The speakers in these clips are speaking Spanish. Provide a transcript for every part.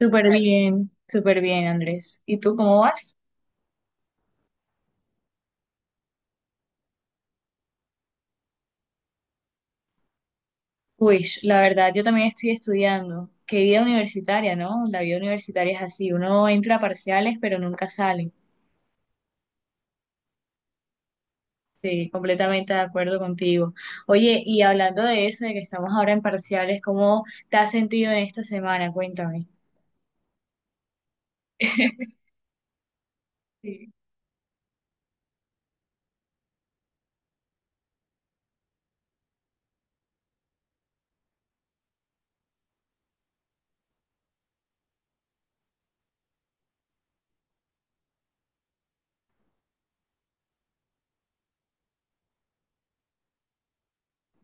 Súper bien, Andrés. ¿Y tú cómo vas? Pues la verdad, yo también estoy estudiando. Qué vida universitaria, ¿no? La vida universitaria es así, uno entra a parciales, pero nunca sale. Sí, completamente de acuerdo contigo. Oye, y hablando de eso, de que estamos ahora en parciales, ¿cómo te has sentido en esta semana? Cuéntame. Sí.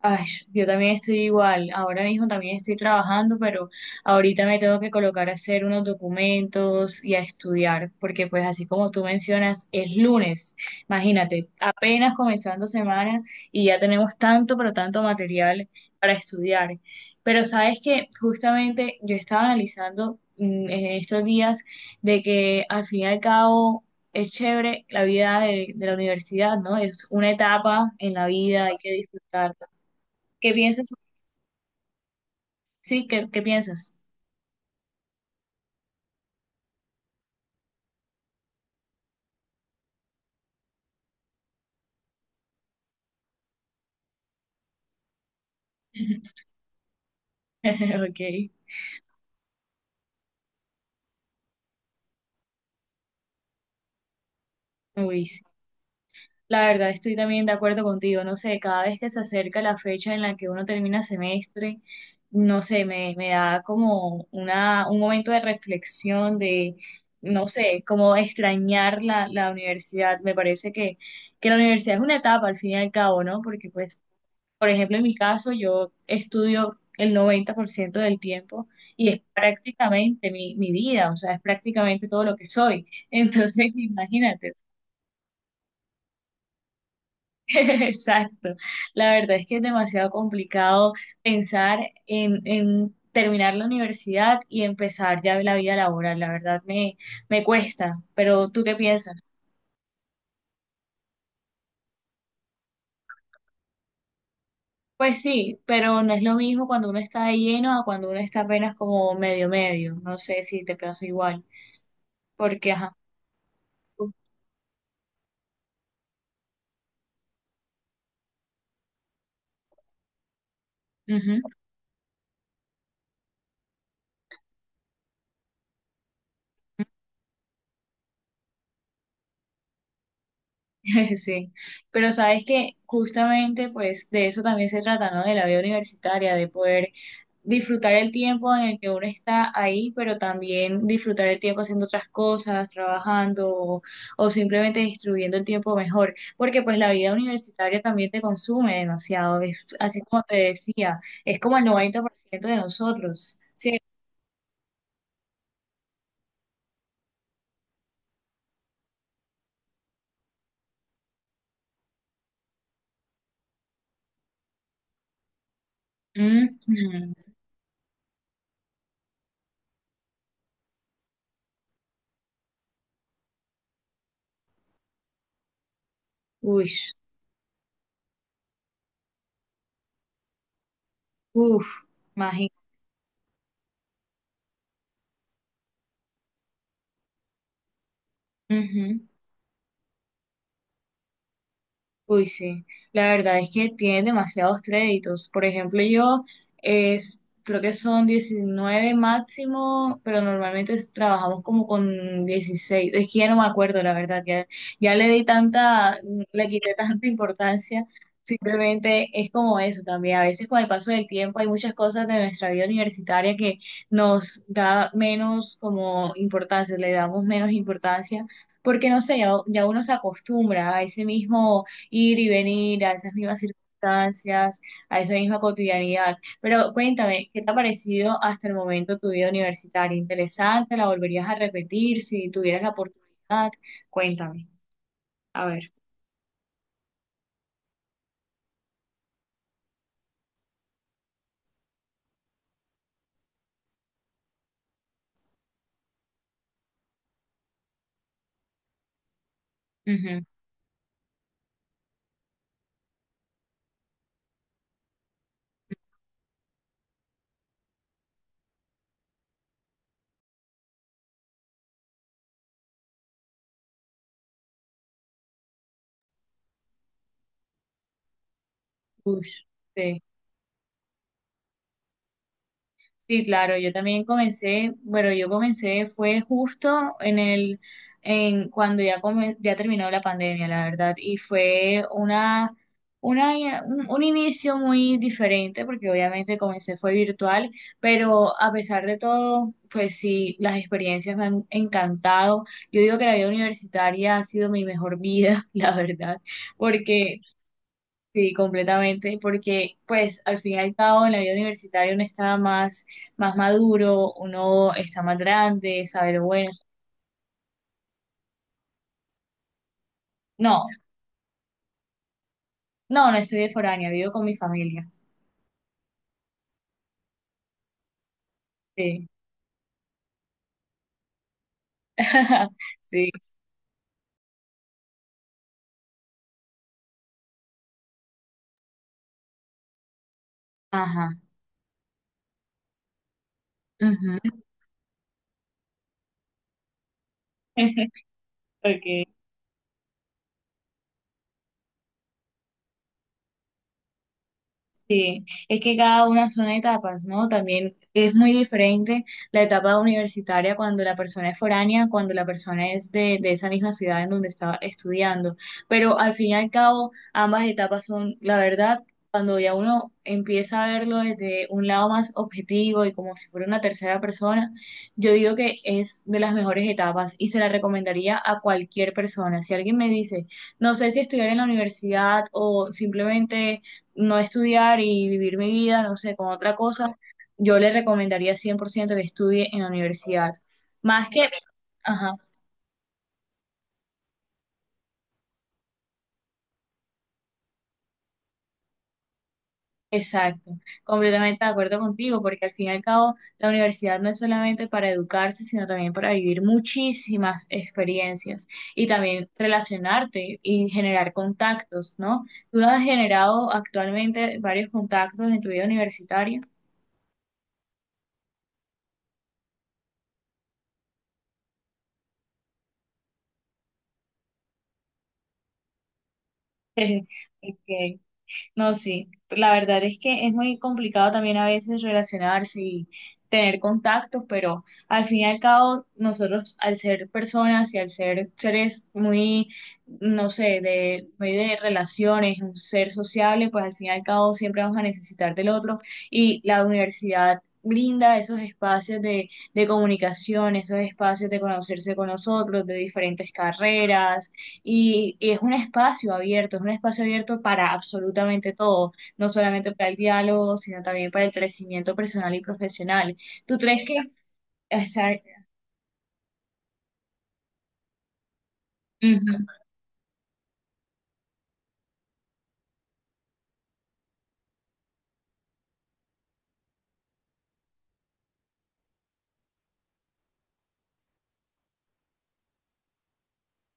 Ay, yo también estoy igual. Ahora mismo también estoy trabajando, pero ahorita me tengo que colocar a hacer unos documentos y a estudiar, porque pues así como tú mencionas, es lunes. Imagínate, apenas comenzando semana y ya tenemos tanto, pero tanto material para estudiar. Pero sabes que justamente yo estaba analizando en estos días de que al fin y al cabo es chévere la vida de la universidad, ¿no? Es una etapa en la vida, hay que disfrutar. ¿Qué piensas? Sí, ¿qué piensas? Ok. Uy, sí. La verdad, estoy también de acuerdo contigo. No sé, cada vez que se acerca la fecha en la que uno termina semestre, no sé, me da como una, un momento de reflexión, de, no sé, como extrañar la universidad. Me parece que la universidad es una etapa al fin y al cabo, ¿no? Porque pues por ejemplo, en mi caso, yo estudio el 90% del tiempo y es prácticamente mi vida, o sea, es prácticamente todo lo que soy. Entonces, imagínate. Exacto. La verdad es que es demasiado complicado pensar en terminar la universidad y empezar ya la vida laboral. La verdad me cuesta, pero ¿tú qué piensas? Pues sí, pero no es lo mismo cuando uno está de lleno a cuando uno está apenas como medio medio. No sé si te pasa igual, porque ajá. Ujú. Sí, pero sabes que justamente pues de eso también se trata, ¿no? De la vida universitaria, de poder disfrutar el tiempo en el que uno está ahí, pero también disfrutar el tiempo haciendo otras cosas, trabajando o simplemente distribuyendo el tiempo mejor, porque pues la vida universitaria también te consume demasiado, así como te decía, es como el 90% de nosotros, sí. Ujú. Uy, uf, imagínate. Uy, sí, la verdad es que tiene demasiados créditos. Por ejemplo, yo creo que son 19 máximo, pero normalmente trabajamos como con 16. Es que ya no me acuerdo, la verdad, ya, ya le di tanta, le quité tanta importancia. Simplemente es como eso también. A veces con el paso del tiempo hay muchas cosas de nuestra vida universitaria que nos da menos como importancia, le damos menos importancia, porque no sé, ya, ya uno se acostumbra a ese mismo ir y venir a esas mismas circunstancias, a esa misma cotidianidad. Pero cuéntame, ¿qué te ha parecido hasta el momento tu vida universitaria? ¿Interesante? ¿La volverías a repetir si tuvieras la oportunidad? Cuéntame. A ver. Ujú. Ush, sí. Sí, claro, yo también comencé, bueno, yo comencé fue justo en cuando ya terminó la pandemia, la verdad, y fue un inicio muy diferente, porque obviamente comencé fue virtual, pero a pesar de todo, pues sí, las experiencias me han encantado. Yo digo que la vida universitaria ha sido mi mejor vida, la verdad, porque sí, completamente, porque pues al fin y al cabo en la vida universitaria uno está más, más maduro, uno está más grande, sabe lo bueno. No, no, no estoy de foránea, vivo con mi familia. Sí. Sí. Ajá. Ujú. Ok. Sí, es que cada una son etapas, ¿no? También es muy diferente la etapa universitaria cuando la persona es foránea, cuando la persona es de esa misma ciudad en donde estaba estudiando. Pero al fin y al cabo, ambas etapas son, la verdad, cuando ya uno empieza a verlo desde un lado más objetivo y como si fuera una tercera persona, yo digo que es de las mejores etapas y se la recomendaría a cualquier persona. Si alguien me dice, no sé si estudiar en la universidad o simplemente no estudiar y vivir mi vida, no sé, con otra cosa, yo le recomendaría 100% que estudie en la universidad. Más que, ajá, exacto, completamente de acuerdo contigo, porque al fin y al cabo la universidad no es solamente para educarse, sino también para vivir muchísimas experiencias y también relacionarte y generar contactos, ¿no? Tú has generado actualmente varios contactos en tu vida universitaria. Ok. No, sí, la verdad es que es muy complicado también a veces relacionarse y tener contactos, pero al fin y al cabo nosotros al ser personas y al ser seres muy, no sé, de, muy de relaciones, un ser sociable, pues al fin y al cabo siempre vamos a necesitar del otro y la universidad brinda esos espacios de comunicación, esos espacios de conocerse con nosotros, de diferentes carreras y es un espacio abierto, es un espacio abierto para absolutamente todo, no solamente para el diálogo, sino también para el crecimiento personal y profesional. ¿Tú crees que... Exacto. Ujú.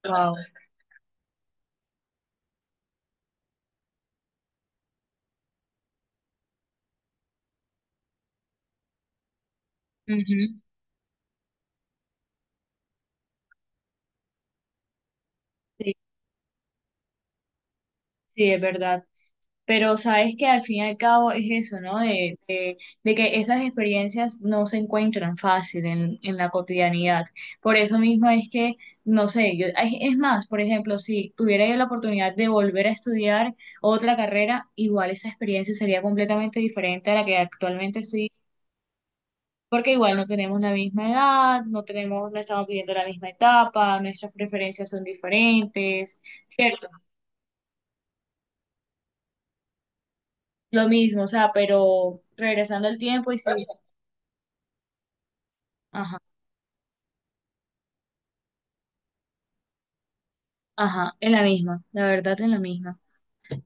Wow. Ujú. Sí, sí, es verdad. Pero sabes que al fin y al cabo es eso, ¿no? De de que esas experiencias no se encuentran fácil en la cotidianidad. Por eso mismo es que, no sé, yo, ay, es más, por ejemplo, si tuviera yo la oportunidad de volver a estudiar otra carrera, igual esa experiencia sería completamente diferente a la que actualmente estoy, porque igual no tenemos la misma edad, no tenemos, no estamos viviendo la misma etapa, nuestras preferencias son diferentes, ¿cierto? Lo mismo, o sea, pero regresando al tiempo y si... Ajá. Ajá, en la misma, la verdad en la misma.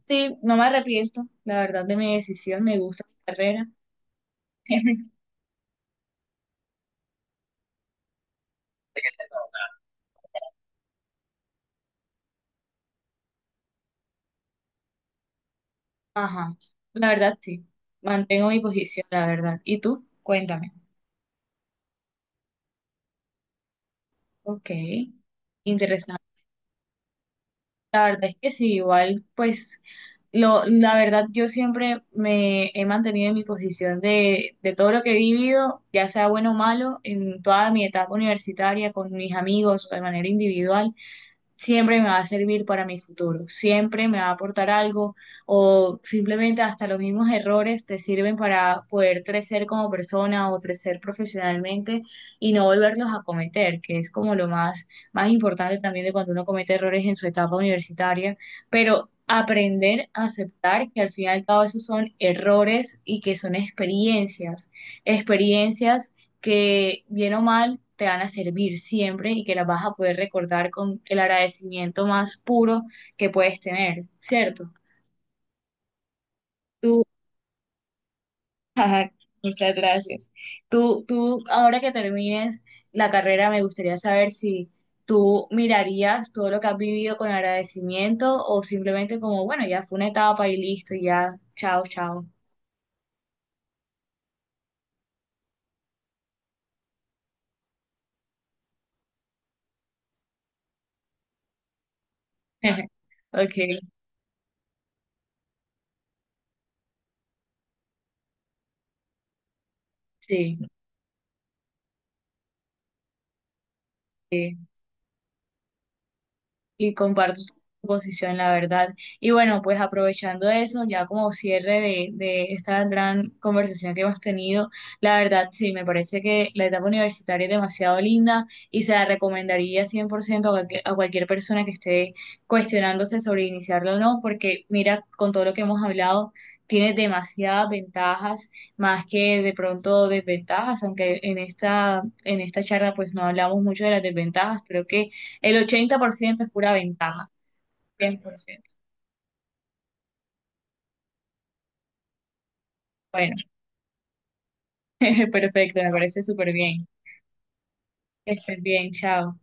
Sí, no me arrepiento, la verdad de mi decisión, me gusta mi carrera. Ajá, la verdad sí, mantengo mi posición, la verdad. ¿Y tú? Cuéntame. Ok, interesante. La verdad es que sí, igual, pues, la verdad yo siempre me he mantenido en mi posición de todo lo que he vivido, ya sea bueno o malo, en toda mi etapa universitaria, con mis amigos, de manera individual. Siempre me va a servir para mi futuro, siempre me va a aportar algo o simplemente hasta los mismos errores te sirven para poder crecer como persona o crecer profesionalmente y no volverlos a cometer, que es como lo más, más importante también de cuando uno comete errores en su etapa universitaria, pero aprender a aceptar que al fin y al cabo esos son errores y que son experiencias, experiencias que bien o mal te van a servir siempre y que las vas a poder recordar con el agradecimiento más puro que puedes tener, ¿cierto? Tú, muchas gracias. Ahora que termines la carrera, me gustaría saber si tú mirarías todo lo que has vivido con agradecimiento o simplemente como, bueno, ya fue una etapa y listo, ya, chao, chao. Ok, sí. Sí. Y comparto tu posición, la verdad. Y bueno, pues aprovechando eso, ya como cierre de esta gran conversación que hemos tenido, la verdad sí, me parece que la etapa universitaria es demasiado linda y se la recomendaría 100% a cualquier persona que esté cuestionándose sobre iniciarla o no, porque mira, con todo lo que hemos hablado, tiene demasiadas ventajas, más que de pronto desventajas, aunque en esta charla pues no hablamos mucho de las desventajas, creo que el 80% es pura ventaja, 100%. Bueno, perfecto, me parece súper bien. Que estés bien, chao.